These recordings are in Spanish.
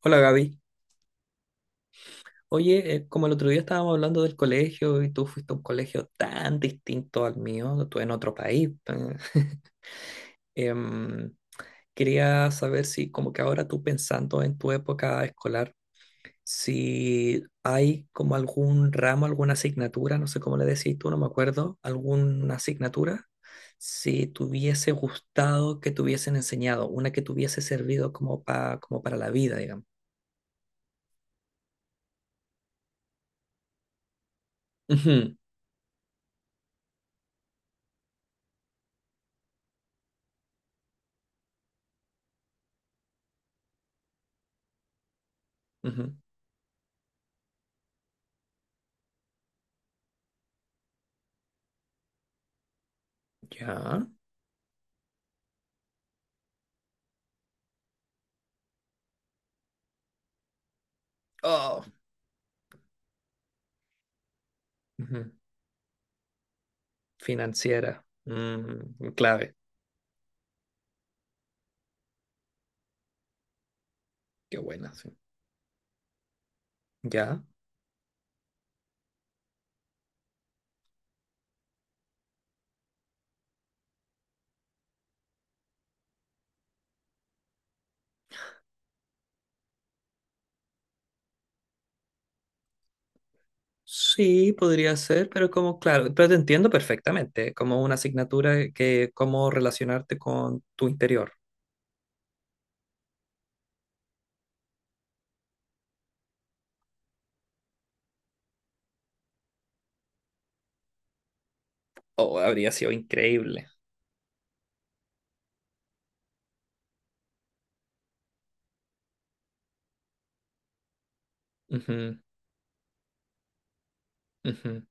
Hola Gaby. Oye, como el otro día estábamos hablando del colegio y tú fuiste a un colegio tan distinto al mío, tú en otro país. em, Quería saber si como que ahora tú pensando en tu época escolar, si hay como algún ramo, alguna asignatura, no sé cómo le decís tú, no me acuerdo, alguna asignatura, si te hubiese gustado que te hubiesen enseñado, una que te hubiese servido como, como para la vida, digamos. Ujú, ujú. Ya. Oh. Ujú. Financiera. Mm, clave. Qué buena, sí. ¿Ya? Sí, podría ser, pero como, claro, pero te entiendo perfectamente, ¿eh? Como una asignatura que cómo relacionarte con tu interior. Oh, habría sido increíble. Ujú, ujú.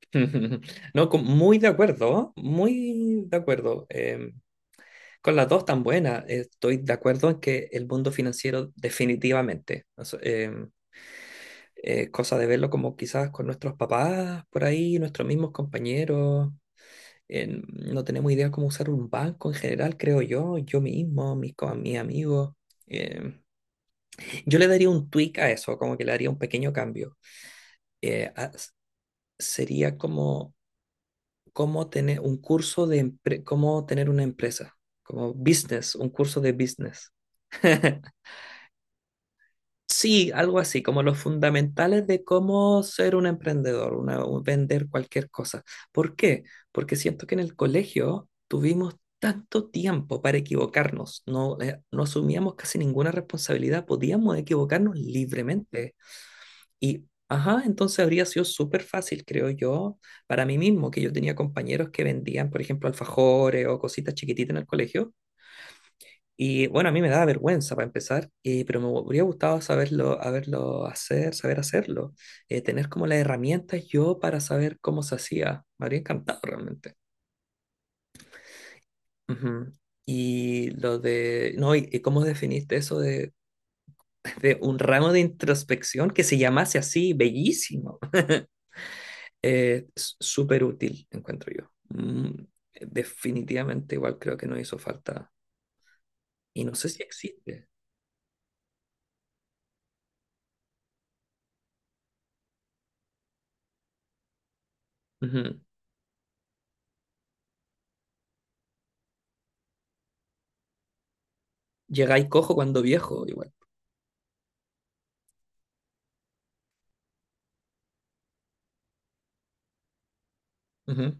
No, muy de acuerdo, muy de acuerdo. Con las dos tan buenas, estoy de acuerdo en que el mundo financiero definitivamente. Cosa de verlo como quizás con nuestros papás por ahí, nuestros mismos compañeros. No tenemos idea cómo usar un banco en general, creo yo, yo mismo, mis, mis amigos. em, yo le daría un tweak a eso, como que le daría un pequeño cambio. Eh, a- s- sería como cómo tener un curso de cómo tener una empresa, como business, un curso de business. Sí, algo así, como los fundamentales de cómo ser un emprendedor, vender cualquier cosa. ¿Por qué? Porque siento que en el colegio tuvimos tanto tiempo para equivocarnos, no, no asumíamos casi ninguna responsabilidad, podíamos equivocarnos libremente. Y, ajá, entonces habría sido súper fácil, creo yo, para mí mismo, que yo tenía compañeros que vendían, por ejemplo, alfajores o cositas chiquititas en el colegio. Y bueno, a mí me daba vergüenza para empezar, pero me hubiera gustado saberlo, haberlo hacer, saber hacerlo, tener como las herramientas yo para saber cómo se hacía. Me habría encantado realmente. Ujú. Y lo de, no, y cómo definiste eso de, de un ramo de introspección que se llamase así, bellísimo. Súper útil, encuentro yo. Mm, definitivamente igual creo que no hizo falta. Y no sé si existe. Ujú. Llegáis cojo cuando viejo, igual. Ujú.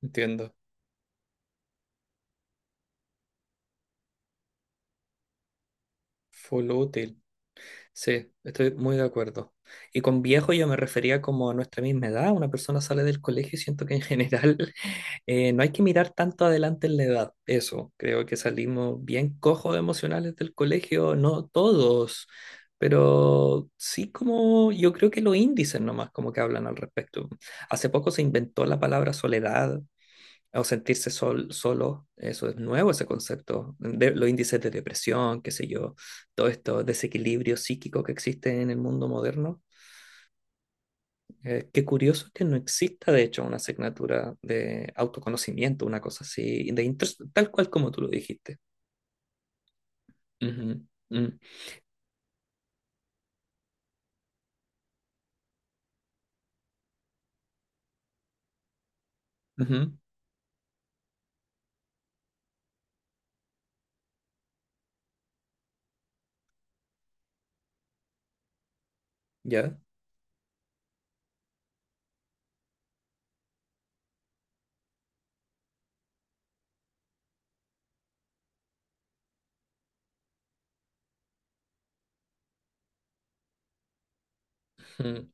Entiendo. Full útil. Sí, estoy muy de acuerdo. Y con viejo yo me refería como a nuestra misma edad. Una persona sale del colegio y siento que en general no hay que mirar tanto adelante en la edad. Eso, creo que salimos bien cojos emocionales del colegio, no todos, pero sí como yo creo que los índices nomás como que hablan al respecto. Hace poco se inventó la palabra soledad o sentirse sol, solo, eso es nuevo ese concepto, de, los índices de depresión, qué sé yo, todo esto desequilibrio psíquico que existe en el mundo moderno. Qué curioso que no exista, de hecho, una asignatura de autoconocimiento, una cosa así, de tal cual como tú lo dijiste. Ujú, mm, ujú. ¿Ya? Ujú.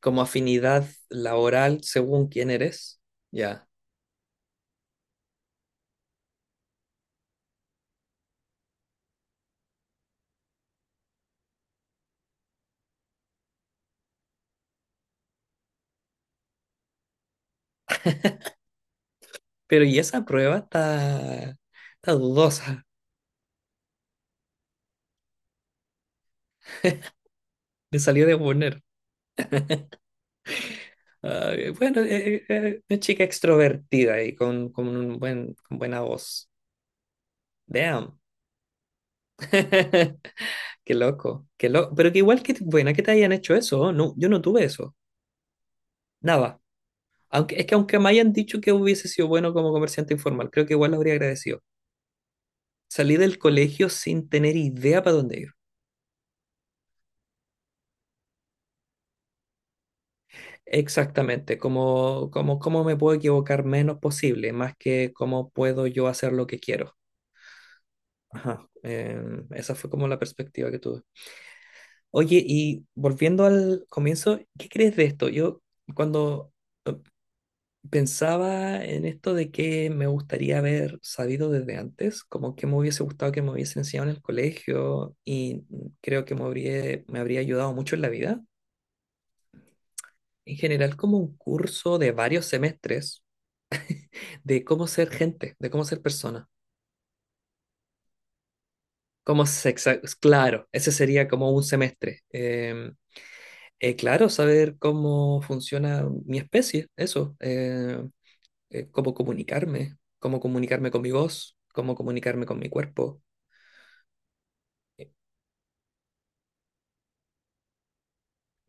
Como afinidad laboral según quién eres, ¿ya? Pero y esa prueba está, está dudosa, le salió de poner. Ah, bueno, una chica extrovertida y con un buen, con buena voz. Damn. Qué loco. Qué loco. Pero que igual que buena que te hayan hecho eso. No, yo no tuve eso. Nada. Aunque, es que aunque me hayan dicho que hubiese sido bueno como comerciante informal, creo que igual lo habría agradecido. Salí del colegio sin tener idea para dónde ir. Exactamente, como, como, cómo me puedo equivocar menos posible, más que cómo puedo yo hacer lo que quiero. Ajá. Esa fue como la perspectiva que tuve. Oye, y volviendo al comienzo, ¿qué crees de esto? Yo cuando pensaba en esto de que me gustaría haber sabido desde antes, como que me hubiese gustado que me hubiesen enseñado en el colegio y creo que me habría ayudado mucho en la vida. En general, como un curso de varios semestres de cómo ser gente, de cómo ser persona, cómo se... Claro, ese sería como un semestre. Claro, saber cómo funciona mi especie, eso. Cómo comunicarme con mi voz, cómo comunicarme con mi cuerpo. Eh,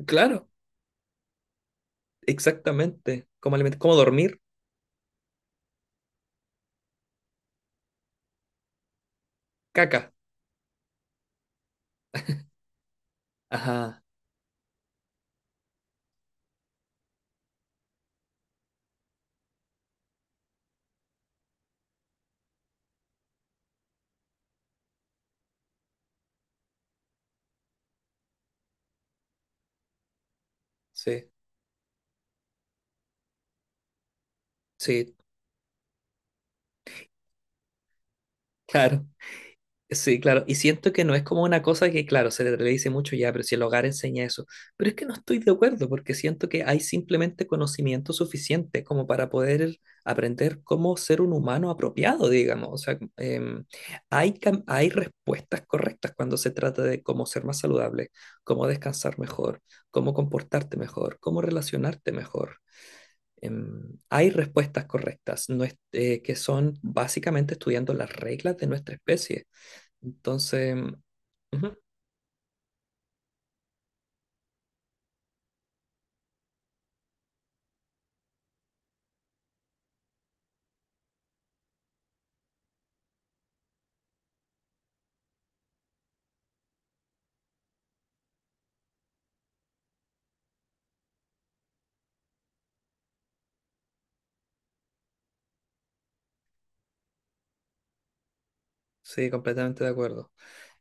claro, exactamente. Cómo dormir, caca. Ajá, sí, sí, claro. Sí, claro, y siento que no es como una cosa que, claro, se le dice mucho ya, pero si el hogar enseña eso, pero es que no estoy de acuerdo porque siento que hay simplemente conocimiento suficiente como para poder aprender cómo ser un humano apropiado, digamos, o sea, hay, hay respuestas correctas cuando se trata de cómo ser más saludable, cómo descansar mejor, cómo comportarte mejor, cómo relacionarte mejor. Em, hay respuestas correctas no es- que son básicamente estudiando las reglas de nuestra especie entonces, ujú, sí, completamente de acuerdo.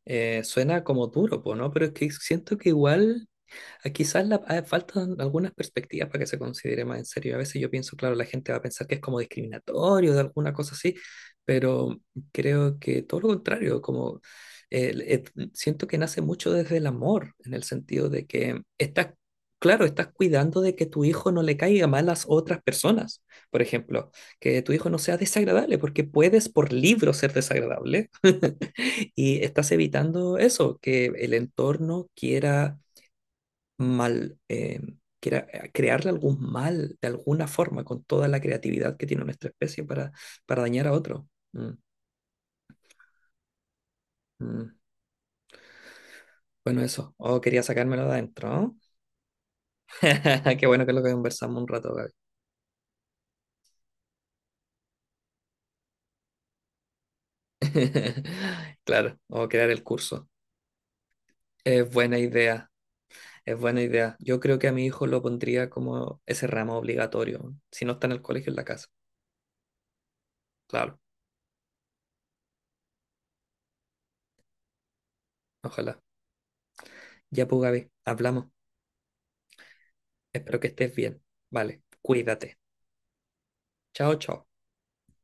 Suena como duro, po, ¿no? Pero es que siento que igual... Quizás faltan algunas perspectivas para que se considere más en serio. A veces yo pienso, claro, la gente va a pensar que es como discriminatorio de alguna cosa así, pero creo que todo lo contrario, como siento que nace mucho desde el amor, en el sentido de que estás, claro, estás cuidando de que tu hijo no le caiga mal a las otras personas, por ejemplo, que tu hijo no sea desagradable, porque puedes por libro ser desagradable y estás evitando eso, que el entorno quiera mal, crea- crearle algún mal de alguna forma con toda la creatividad que tiene nuestra especie para dañar a otro. Mm, mm. Bueno, eso. Oh, quería sacármelo de adentro, ¿no? Qué bueno que lo conversamos un rato, Gaby. Claro, o crear el curso. Es buena idea, es buena idea. Yo creo que a mi hijo lo pondría como ese ramo obligatorio, si no está en el colegio, en la casa. Claro, ojalá. Ya pues, Gaby, hablamos. Espero que estés bien. Vale, cuídate. Chao, chao.